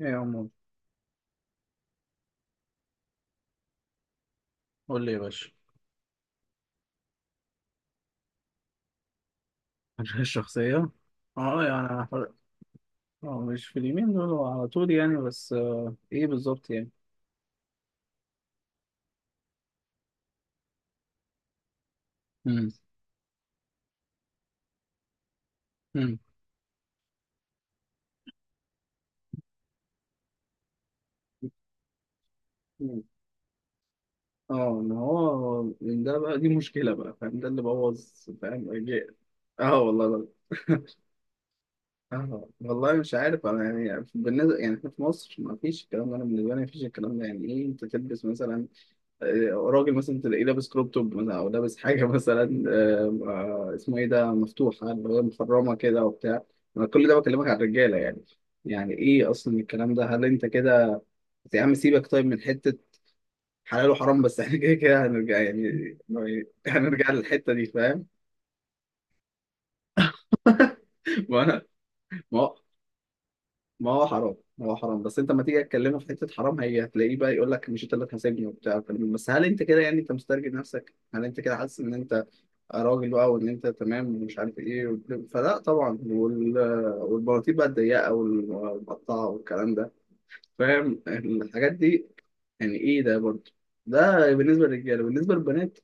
ايه يا عمو. قول لي يا باشا. الشخصية. اه يعني اه، مش في اليمين دول، هو على طول يعني، بس ايه بالظبط يعني. مم. مم. مم. اه، ما هو من ده بقى دي مشكلة بقى، فاهم، ده اللي بوظ. فاهم جاء. اه والله لا. اه والله مش عارف انا، يعني بالنسبة يعني إحنا في مصر ما فيش الكلام ده، انا بالنسبة لي ما فيش الكلام ده، يعني ايه انت تلبس مثلا راجل مثلا تلاقيه لابس كروب توب مثلا، او لابس حاجه مثلا، اسمه ايه ده، مفتوحه اللي هي مخرمه كده وبتاع. انا كل ده بكلمك على الرجاله يعني. يعني ايه اصلا الكلام ده، هل انت كده؟ يا عم سيبك، طيب من حته حلال وحرام، بس احنا كده كده هنرجع يعني، هنرجع للحته دي، فاهم. ما انا، ما هو، ما هو حرام، ما هو حرام، بس انت ما تيجي تكلمه في حته حرام هي هتلاقيه بقى يقول لك مش انت اللي هتحاسبني وبتاع، بس هل انت كده يعني؟ انت مسترجل نفسك، هل انت كده حاسس ان انت راجل بقى، وان انت تمام ومش عارف ايه وبتاع؟ فلا طبعا. وال... والبناطيل بقى الضيقه والمقطعه والكلام ده، فاهم الحاجات دي، يعني ايه ده برضه؟ ده بالنسبه للرجاله. بالنسبه للبنات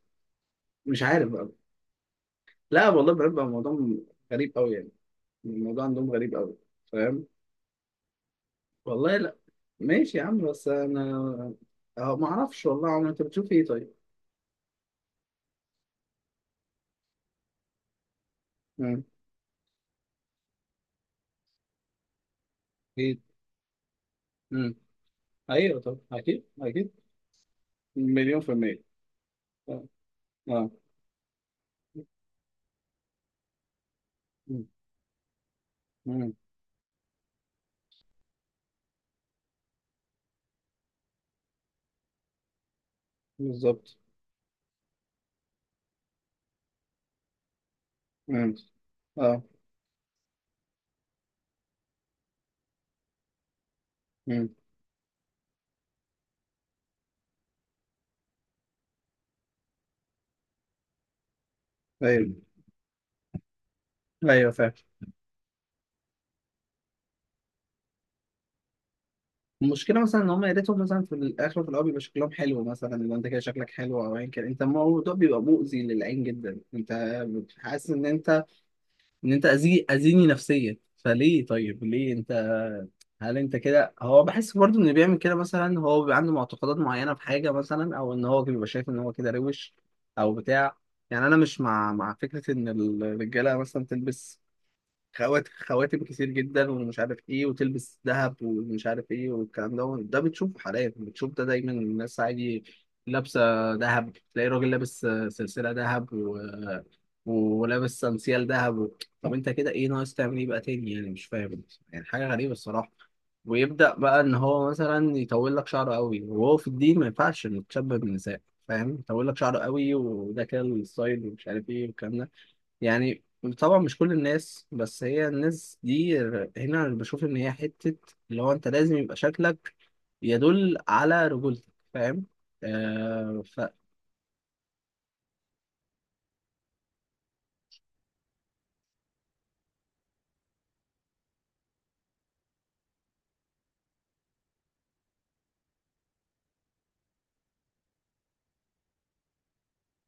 مش عارف بقى، لا والله البنات بقى الموضوع غريب قوي يعني، الموضوع عندهم غريب قوي. فاهم. والله لا. ماشي يا عم، بس انا أه ما اعرفش والله يا عم، انت بتشوف ايه طيب؟ مم. اكيد. مم. ايوه، طب اكيد اكيد مليون في المية. اه. آه. مم. بالظبط. مم. اه. مم. ايوه ايوه. فاهم. المشكله مثلا ان هم، يا ريتهم مثلا في الاخر وفي الاول بيبقى شكلهم حلو، مثلا لو انت كده شكلك حلو او ايا كان، انت الموضوع بيبقى مؤذي للعين جدا، انت حاسس ان انت، ان انت اذي، اذيني نفسيا فليه؟ طيب ليه انت، هل انت كده؟ هو بحس برضه ان اللي بيعمل كده مثلا هو بيبقى عنده معتقدات معينه في حاجه مثلا، او ان هو بيبقى شايف ان هو كده روش او بتاع، يعني. انا مش مع فكره ان الرجاله مثلا تلبس خواتم كتير جدا ومش عارف ايه، وتلبس ذهب ومش عارف ايه والكلام ده، ده بتشوفه حاليا، بتشوف ده دايما الناس عادي لابسه ذهب. تلاقي راجل لابس سلسله ذهب و... ولابس سانسيال ذهب و... طب انت كده ايه ناقص تعمل ايه بقى تاني يعني؟ مش فاهم، يعني حاجه غريبه الصراحه. ويبدا بقى ان هو مثلا يطول لك شعره قوي، وهو في الدين ما ينفعش انك تشبه بالنساء، فاهم. يطول لك شعره قوي وده كده الستايل ومش عارف ايه والكلام ده، يعني. طبعا مش كل الناس، بس هي الناس دي هنا أنا بشوف ان هي حتة اللي هو انت لازم يبقى شكلك يدل على رجولتك، فاهم. آه ف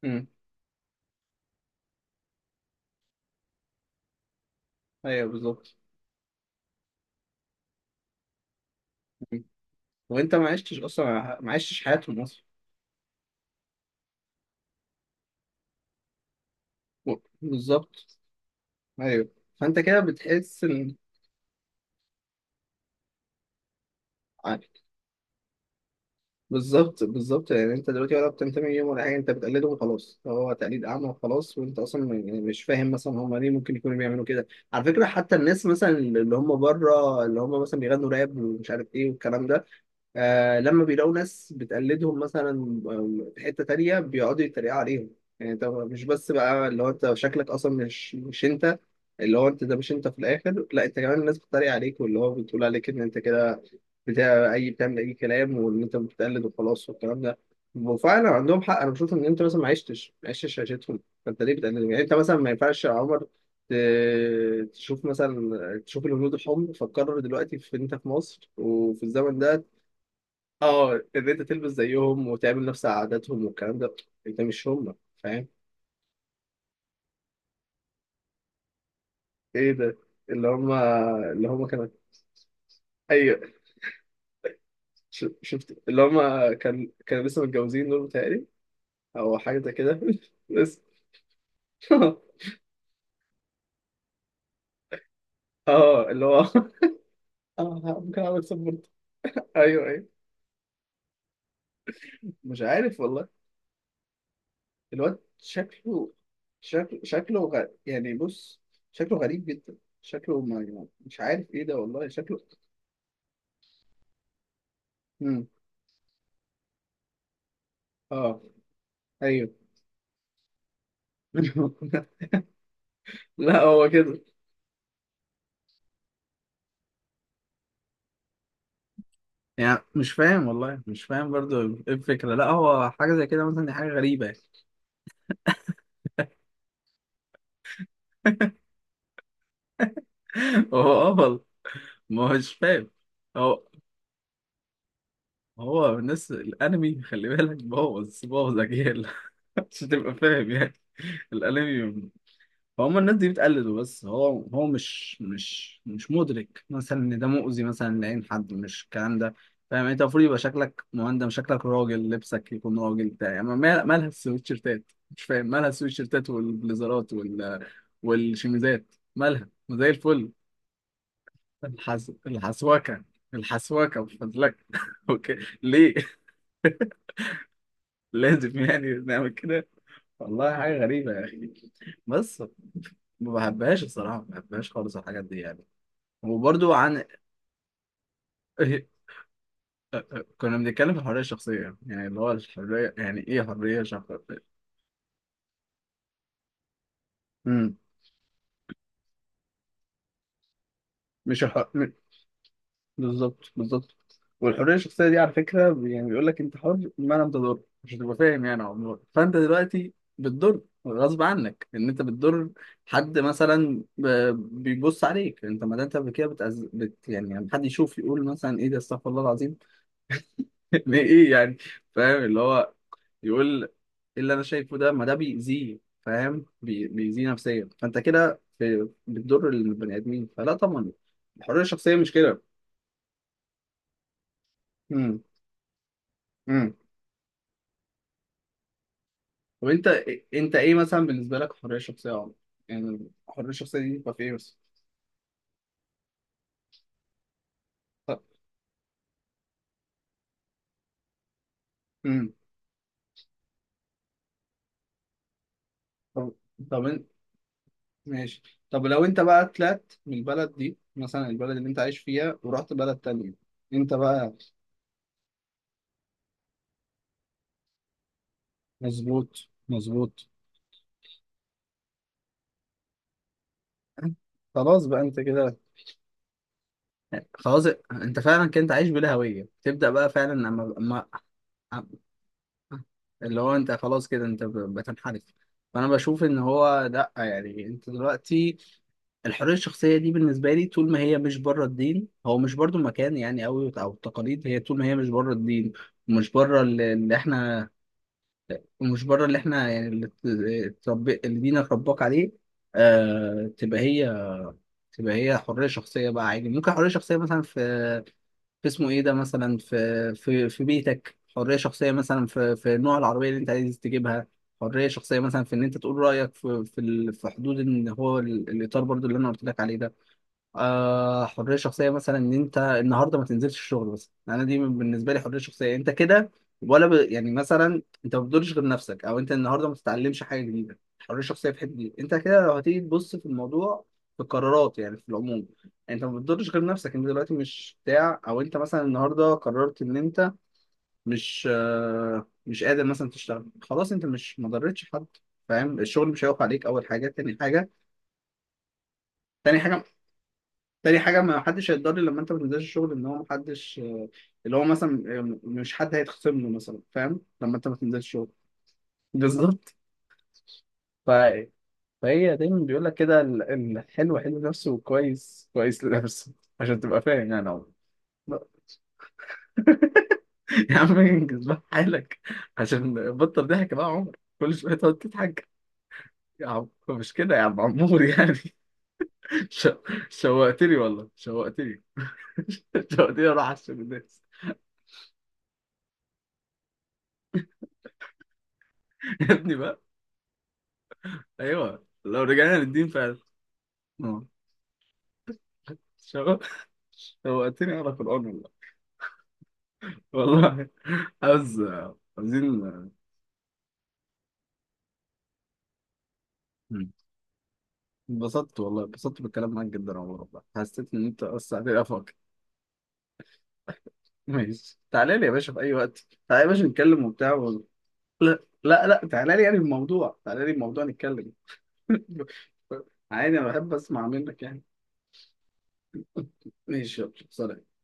مم. ايوه بالظبط. مم. وانت ما عشتش اصلا، ما عشتش حياتهم اصلا. و- بالظبط. ايوه. فانت كده بتحس ان بالظبط بالظبط، يعني انت دلوقتي ولا بتنتمي ليهم ولا حاجه، انت بتقلده وخلاص، هو تقليد اعمى وخلاص، وانت اصلا يعني مش فاهم مثلا هم ليه ممكن يكونوا بيعملوا كده. على فكره، حتى الناس مثلا اللي هم بره اللي هم مثلا بيغنوا راب ومش عارف ايه والكلام ده، آه لما بيلاقوا ناس بتقلدهم مثلا، في حتة تانية بيقعدوا يتريقوا عليهم، يعني انت مش بس بقى اللي هو انت شكلك اصلا مش انت، اللي هو انت ده مش انت في الاخر، لا انت كمان الناس بتتريق عليك، واللي هو بتقول عليك ان انت كده بتاع اي، بتعمل اي كلام وان انت بتقلد وخلاص والكلام ده. وفعلا عندهم حق، انا بشوف ان انت مثلا ما عشتش، ما عشتش عيشتهم، فانت ليه بتقلدهم يعني؟ انت مثلا ما ينفعش يا عمر تشوف مثلا، تشوف الهنود الحمر فتقرر دلوقتي في انت في مصر وفي الزمن ده اه ان انت تلبس زيهم وتعمل نفس عاداتهم والكلام ده. انت مش هم، فاهم. ايه ده، اللي هم، اللي هم كانوا، ايوه، شفت اللي هم، كان كانوا لسه متجوزين دول بتهيألي، او حاجه زي كده. بس. اه اللي هو. اه ممكن اعمل سبورت. ايوه ايوه مش عارف والله. الواد شكله يعني بص، شكله غريب جدا، شكله، ما مش عارف ايه ده والله شكله. امم. اه. ايوه. لا هو كده، يعني مش فاهم والله، مش فاهم برضو ايه الفكرة، لا هو حاجة زي كده مثلا، دي حاجة غريبة يعني. هو اه والله. ما هوش فاهم هو، هو الناس الانمي، خلي بالك بوظ بوظ اجيال، عشان تبقى فاهم يعني. الانمي، فهم الناس دي بتقلده، بس هو، هو مش مدرك مثلا ان ده مؤذي مثلا لعين حد، مش الكلام ده، فاهم. انت المفروض يبقى شكلك مهندم، شكلك راجل، لبسك يكون راجل بتاع يعني، مالها السويتشيرتات؟ مش فاهم، مالها السويتشيرتات والبليزرات وال والشميزات، مالها؟ ما زي الفل. الحسوكه، الحسوكه مش فاضلك. اوكي. ليه لازم يعني نعمل كده؟ والله حاجه غريبه يا اخي. بس ما بحبهاش الصراحه، ما بحبهاش خالص الحاجات دي يعني. وبرضو عن إيه- كنا بنتكلم في الحرية الشخصية، يعني اللي هو الحرية، يعني إيه حرية شخصية؟ امم. مش الحر... م- بالظبط بالظبط. والحرية الشخصية دي على فكرة يعني بيقول لك أنت حر ما لم تضر، مش هتبقى فاهم يعني عمرك، فأنت دلوقتي بتضر غصب عنك، إن أنت بتضر حد مثلا بيبص عليك، أنت ما ده أنت كده يعني لما حد يشوف يقول مثلا إيه ده، استغفر الله العظيم، إيه يعني، فاهم اللي هو يقول ايه اللي انا شايفه ده، ما ده بيأذيه، فاهم، بيأذيه نفسيا، فانت كده بتضر البني ادمين، فلا طبعا. الحريه الشخصيه مش كده. امم. امم. طب انت إيه، انت ايه مثلا بالنسبه لك الحريه الشخصيه يا عمر؟ يعني الحريه الشخصيه دي بتبقى في ايه بس؟ طب. امم. طب. طب انت ماشي. طب لو انت بقى طلعت من البلد دي مثلا، البلد اللي انت عايش فيها ورحت بلد تانية، انت بقى. مظبوط مظبوط. خلاص بقى انت كده، خلاص. انت فعلا كنت عايش بلا هويه، تبدا بقى فعلا اما اللي هو انت خلاص كده انت بتنحرف. فانا بشوف ان هو لا، يعني انت دلوقتي الحريه الشخصيه دي بالنسبه لي طول ما هي مش بره الدين، هو مش برضو مكان يعني قوي، او التقاليد، هي طول ما هي مش بره الدين، ومش بره اللي احنا، ومش بره اللي احنا، يعني اللي دينك رباك عليه، آه، تبقى هي، تبقى هي حريه شخصيه بقى عادي. ممكن حريه شخصيه مثلا في اسمه ايه ده مثلا في بيتك، حريه شخصيه مثلا في نوع العربيه اللي انت عايز تجيبها، حريه شخصيه مثلا في ان انت تقول رايك في في حدود ان هو الاطار برضو اللي انا قلت لك عليه ده، آه. حريه شخصيه مثلا ان انت النهارده ما تنزلش الشغل بس، يعني انا دي بالنسبه لي حريه شخصيه، انت كده ولا يعني مثلا انت ما بتضرش غير نفسك، او انت النهارده ما تتعلمش حاجه جديده، حريه شخصيه في حته دي انت كده، لو هتيجي تبص في الموضوع في القرارات يعني في العموم، انت ما بتضرش غير نفسك، انت دلوقتي مش بتاع. او انت مثلا النهارده قررت ان انت مش آه، مش قادر مثلا تشتغل خلاص، انت مش، ما ضرتش حد فاهم، الشغل مش هيقف عليك، اول حاجه. تاني حاجه، تاني حاجه تاني حاجة ما حدش هيتضرر لما انت ما تنزلش الشغل، ان هو ما حدش اللي هو مثلا مش حد هيتخصم له مثلا، فاهم، لما انت ما تنزلش الشغل. بالظبط. ف... فهي دايما بيقول لك كده الحلو حلو نفسه وكويس كويس لنفسه، عشان تبقى فاهم يعني عمر. يا عم انجز بقى حالك، عشان بطل ضحك بقى يا عمر، كل شوية تقعد تضحك، يا عم مش كده يا عم عمور يعني. ش... شوقتني والله شوقتني. شوقتني اروح على الشغل ده. يا ابني بقى. ايوه لو رجعنا للدين فعلا. اه. شو- شوقتني اقرا قران والله. والله عاوز، عاوزين. مم. انبسطت والله انبسطت بالكلام معاك جدا يا عمر، والله حسيت ان انت وسعت لي افاك. ماشي تعالى لي يا باشا في اي وقت، تعالى يا باشا نتكلم وبتاع و... لا لا، لا تعالى لي يعني الموضوع، تعالى لي الموضوع نتكلم. عادي انا بحب اسمع منك يعني. ماشي يلا سلام.